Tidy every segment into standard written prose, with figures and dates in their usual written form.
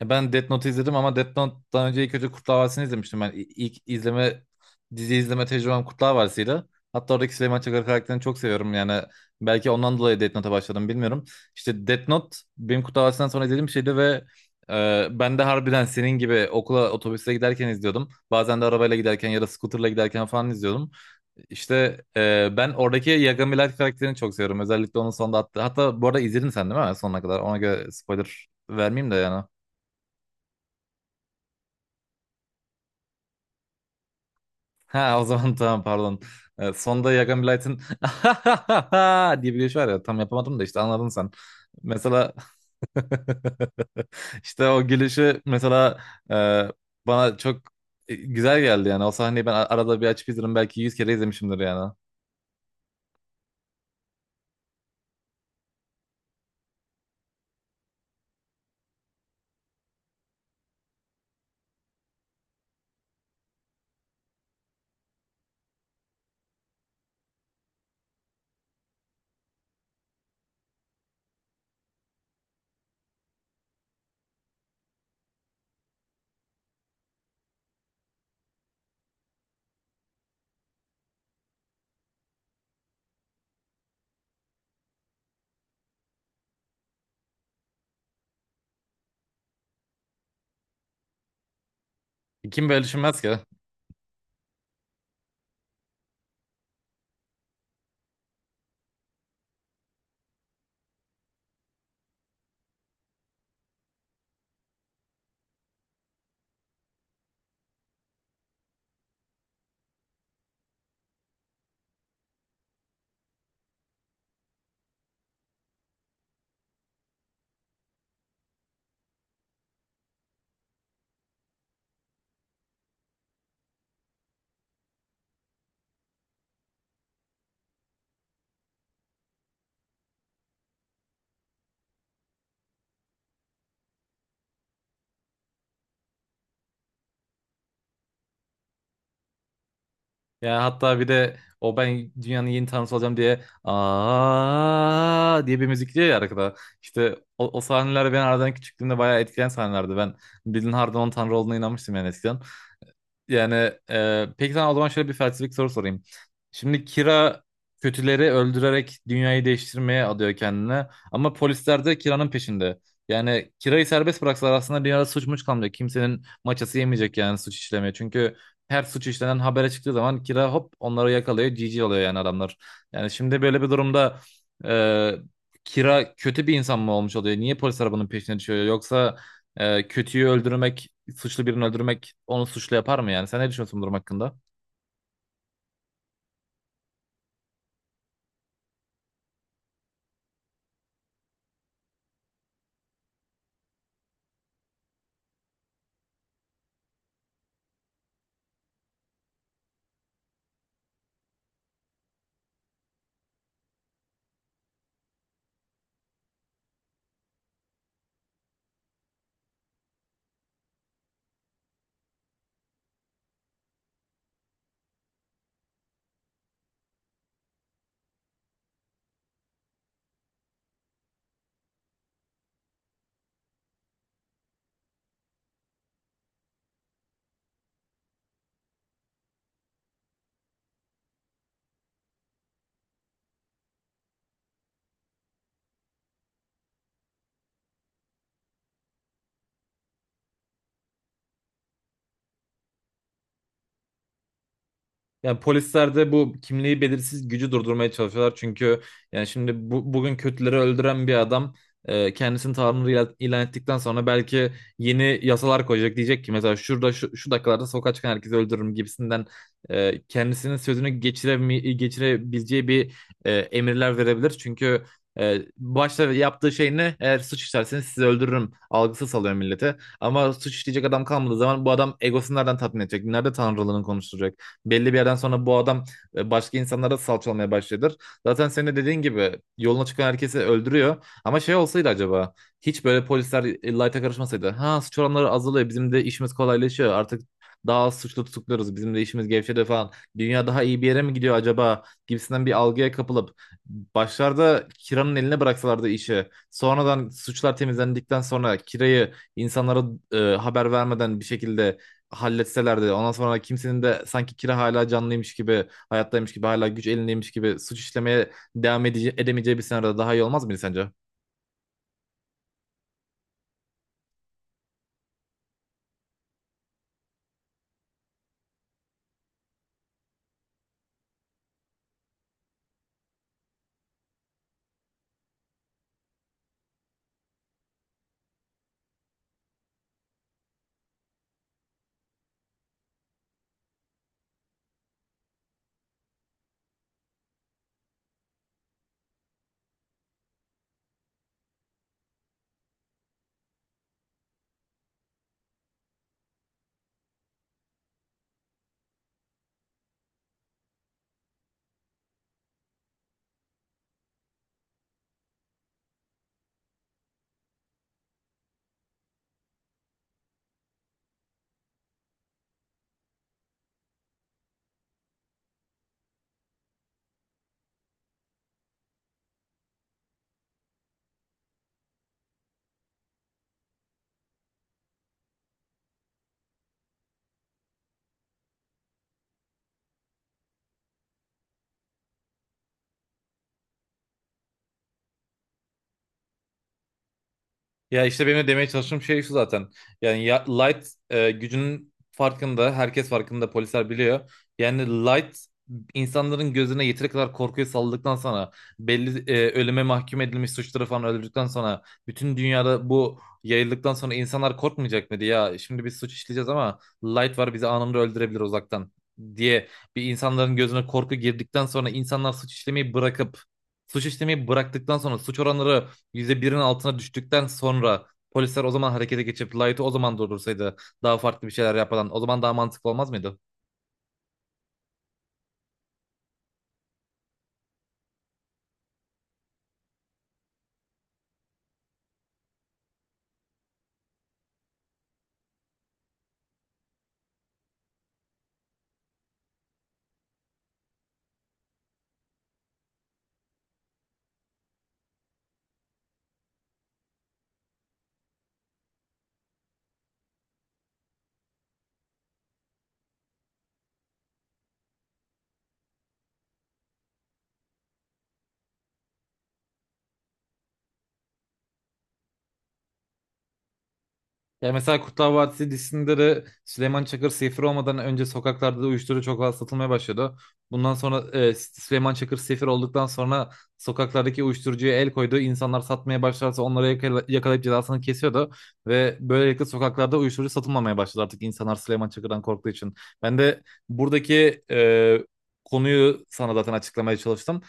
Ya, ben Death Note izledim ama Death Note'dan önce ilk önce Kurtlar Vadisi'ni izlemiştim. Ben ilk dizi izleme tecrübem Kurtlar Vadisi'ydi. Hatta oradaki Süleyman Çakır karakterini çok seviyorum yani. Belki ondan dolayı Death Note'a başladım, bilmiyorum. İşte Death Note benim Kurtlar Vadisi'nden sonra izlediğim bir şeydi ve ben de harbiden senin gibi okula otobüsle giderken izliyordum. Bazen de arabayla giderken ya da scooterla giderken falan izliyordum. İşte ben oradaki Yagami Light karakterini çok seviyorum. Özellikle onun sonunda attığı. Hatta bu arada izledin sen değil mi sonuna kadar? Ona göre spoiler vermeyeyim de yani. Ha, o zaman tamam, pardon. Sonda Yagan Blight'ın diye bir gülüş var ya, tam yapamadım da işte anladın sen. Mesela işte o gülüşü mesela e, bana çok güzel geldi yani. O sahneyi ben arada bir açıp izlerim, belki 100 kere izlemişimdir yani. Kim böyle düşünmez ki? Ya hatta bir de o "ben dünyanın yeni tanrısı olacağım" diye, aa diye bir müzik diyor ya arkada. İşte o sahneler ben aradan küçüklüğümde bayağı etkileyen sahnelerdi. Ben Bilin Harda'nın onun tanrı olduğuna inanmıştım yani eskiden. Yani peki sana o zaman şöyle bir felsefik soru sorayım. Şimdi Kira kötüleri öldürerek dünyayı değiştirmeye adıyor kendine. Ama polisler de Kira'nın peşinde. Yani Kira'yı serbest bıraksalar aslında dünyada suç muç kalmayacak. Kimsenin maçası yemeyecek yani suç işlemeye. Çünkü her suç işlenen habere çıktığı zaman Kira hop onları yakalıyor. GG oluyor yani adamlar. Yani şimdi böyle bir durumda e, Kira kötü bir insan mı olmuş oluyor? Niye polisler bunun peşine düşüyor? Yoksa kötüyü öldürmek, suçlu birini öldürmek onu suçlu yapar mı yani? Sen ne düşünüyorsun bu durum hakkında? Yani polisler de bu kimliği belirsiz gücü durdurmaya çalışıyorlar. Çünkü yani şimdi bugün kötüleri öldüren bir adam kendisini Tanrı ilan ettikten sonra belki yeni yasalar koyacak. Diyecek ki mesela şurada şu dakikalarda sokağa çıkan herkesi öldürürüm gibisinden kendisinin sözünü geçirebileceği bir emirler verebilir. Çünkü başta yaptığı şey ne? Eğer suç işlerseniz sizi öldürürüm algısı salıyor millete. Ama suç işleyecek adam kalmadığı zaman bu adam egosunu nereden tatmin edecek? Nerede tanrılığını konuşturacak? Belli bir yerden sonra bu adam başka insanlara salçalamaya başladır. Zaten senin de dediğin gibi yoluna çıkan herkesi öldürüyor. Ama şey olsaydı acaba, hiç böyle polisler Light'a karışmasaydı. Ha, suç oranları azalıyor. Bizim de işimiz kolaylaşıyor. Artık daha az suçlu tutukluyoruz. Bizim de işimiz gevşedi falan. Dünya daha iyi bir yere mi gidiyor acaba? Gibisinden bir algıya kapılıp başlarda Kira'nın eline bıraksalardı işi. Sonradan suçlar temizlendikten sonra Kira'yı insanlara haber vermeden bir şekilde halletselerdi, ondan sonra kimsenin de sanki kira hala canlıymış gibi, hayattaymış gibi, hala güç elindeymiş gibi suç işlemeye devam edemeyeceği bir senaryoda daha iyi olmaz mıydı sence? Ya işte benim de demeye çalıştığım şey şu zaten. Yani ya, Light gücünün farkında, herkes farkında, polisler biliyor. Yani Light insanların gözüne yeteri kadar korkuyu saldıktan sonra, belli ölüme mahkum edilmiş suçları falan öldürdükten sonra, bütün dünyada bu yayıldıktan sonra insanlar korkmayacak mıydı? Ya şimdi biz suç işleyeceğiz ama Light var, bizi anında öldürebilir uzaktan diye, bir insanların gözüne korku girdikten sonra insanlar suç işlemeyi bırakıp, suç işlemeyi bıraktıktan sonra suç oranları %1'in altına düştükten sonra polisler o zaman harekete geçip Light'ı o zaman durdursaydı, daha farklı bir şeyler yapmadan, o zaman daha mantıklı olmaz mıydı? Ya mesela Kurtlar Vadisi dizisinde de Süleyman Çakır sefir olmadan önce sokaklarda da uyuşturucu çok fazla satılmaya başladı. Bundan sonra Süleyman Çakır sefir olduktan sonra sokaklardaki uyuşturucuya el koydu. İnsanlar satmaya başlarsa onları yakalayıp cezasını kesiyordu. Ve böylelikle sokaklarda uyuşturucu satılmamaya başladı, artık insanlar Süleyman Çakır'dan korktuğu için. Ben de buradaki konuyu sana zaten açıklamaya çalıştım.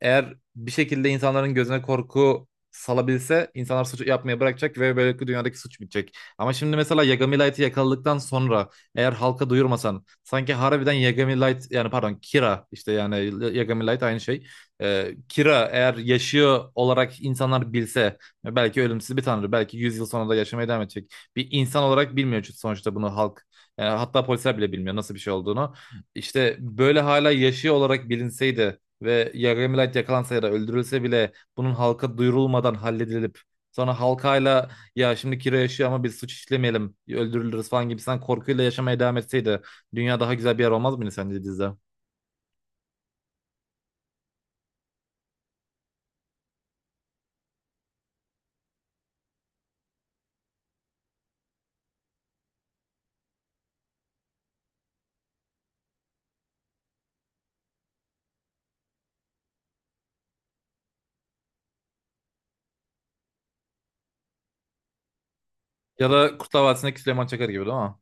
Eğer bir şekilde insanların gözüne korku salabilse insanlar suç yapmaya bırakacak ve böylelikle dünyadaki suç bitecek. Ama şimdi mesela Yagami Light'ı yakaladıktan sonra eğer halka duyurmasan, sanki harbiden Yagami Light, yani pardon Kira, işte yani Yagami Light aynı şey. Kira eğer yaşıyor olarak insanlar bilse, belki ölümsüz bir tanrı, belki 100 yıl sonra da yaşamaya devam edecek. Bir insan olarak bilmiyor çünkü sonuçta bunu halk, yani hatta polisler bile bilmiyor nasıl bir şey olduğunu. İşte böyle hala yaşıyor olarak bilinseydi ve Yagami Light yakalansa ya da öldürülse bile bunun halka duyurulmadan halledilip, sonra halkayla "ya şimdi Kira yaşıyor ama biz suç işlemeyelim, öldürülürüz" falan gibisinden korkuyla yaşamaya devam etseydi, dünya daha güzel bir yer olmaz mıydı sence dizide? Ya da Kurtlar Vadisi'ndeki Süleyman Çakar gibi değil mi?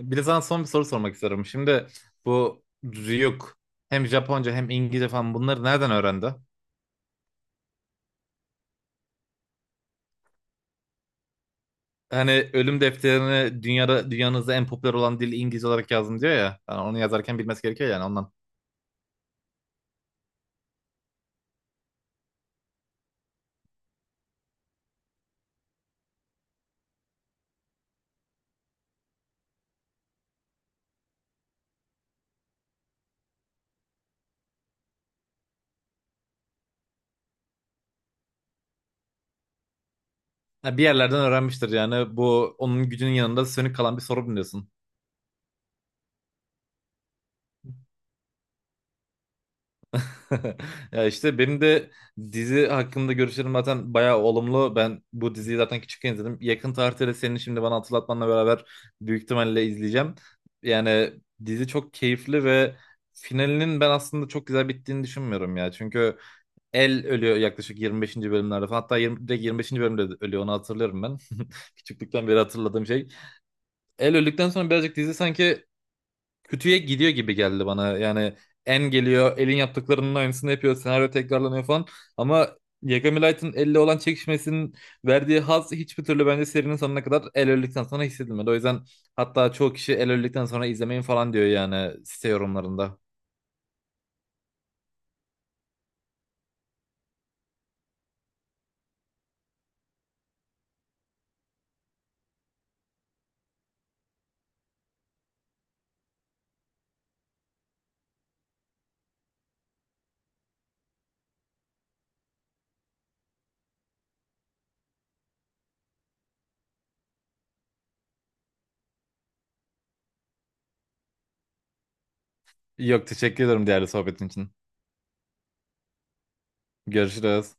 Bir de sana son bir soru sormak istiyorum. Şimdi bu Ryuk hem Japonca hem İngilizce falan bunları nereden öğrendi? Hani "ölüm defterini dünyada dünyanızda en popüler olan dil İngilizce olarak yazdım" diyor ya. Yani onu yazarken bilmesi gerekiyor yani ondan. Ha, bir yerlerden öğrenmiştir yani. Bu onun gücünün yanında sönük kalan bir sorun diyorsun. Ya işte benim de dizi hakkında görüşlerim zaten bayağı olumlu. Ben bu diziyi zaten küçükken izledim. Yakın tarihte de senin şimdi bana hatırlatmanla beraber büyük ihtimalle izleyeceğim. Yani dizi çok keyifli ve finalinin ben aslında çok güzel bittiğini düşünmüyorum ya. Çünkü El ölüyor yaklaşık 25. bölümlerde falan. Hatta 20, direkt 25. bölümde ölüyor, onu hatırlıyorum ben. Küçüklükten beri hatırladığım şey. El öldükten sonra birazcık dizi sanki kötüye gidiyor gibi geldi bana. Yani En geliyor, El'in yaptıklarının aynısını yapıyor, senaryo tekrarlanıyor falan. Ama Yagami Light'ın Elle olan çekişmesinin verdiği haz hiçbir türlü bence serinin sonuna kadar, El öldükten sonra hissedilmedi. O yüzden hatta çoğu kişi "El öldükten sonra izlemeyin" falan diyor yani site yorumlarında. Yok, teşekkür ederim değerli sohbetin için. Görüşürüz.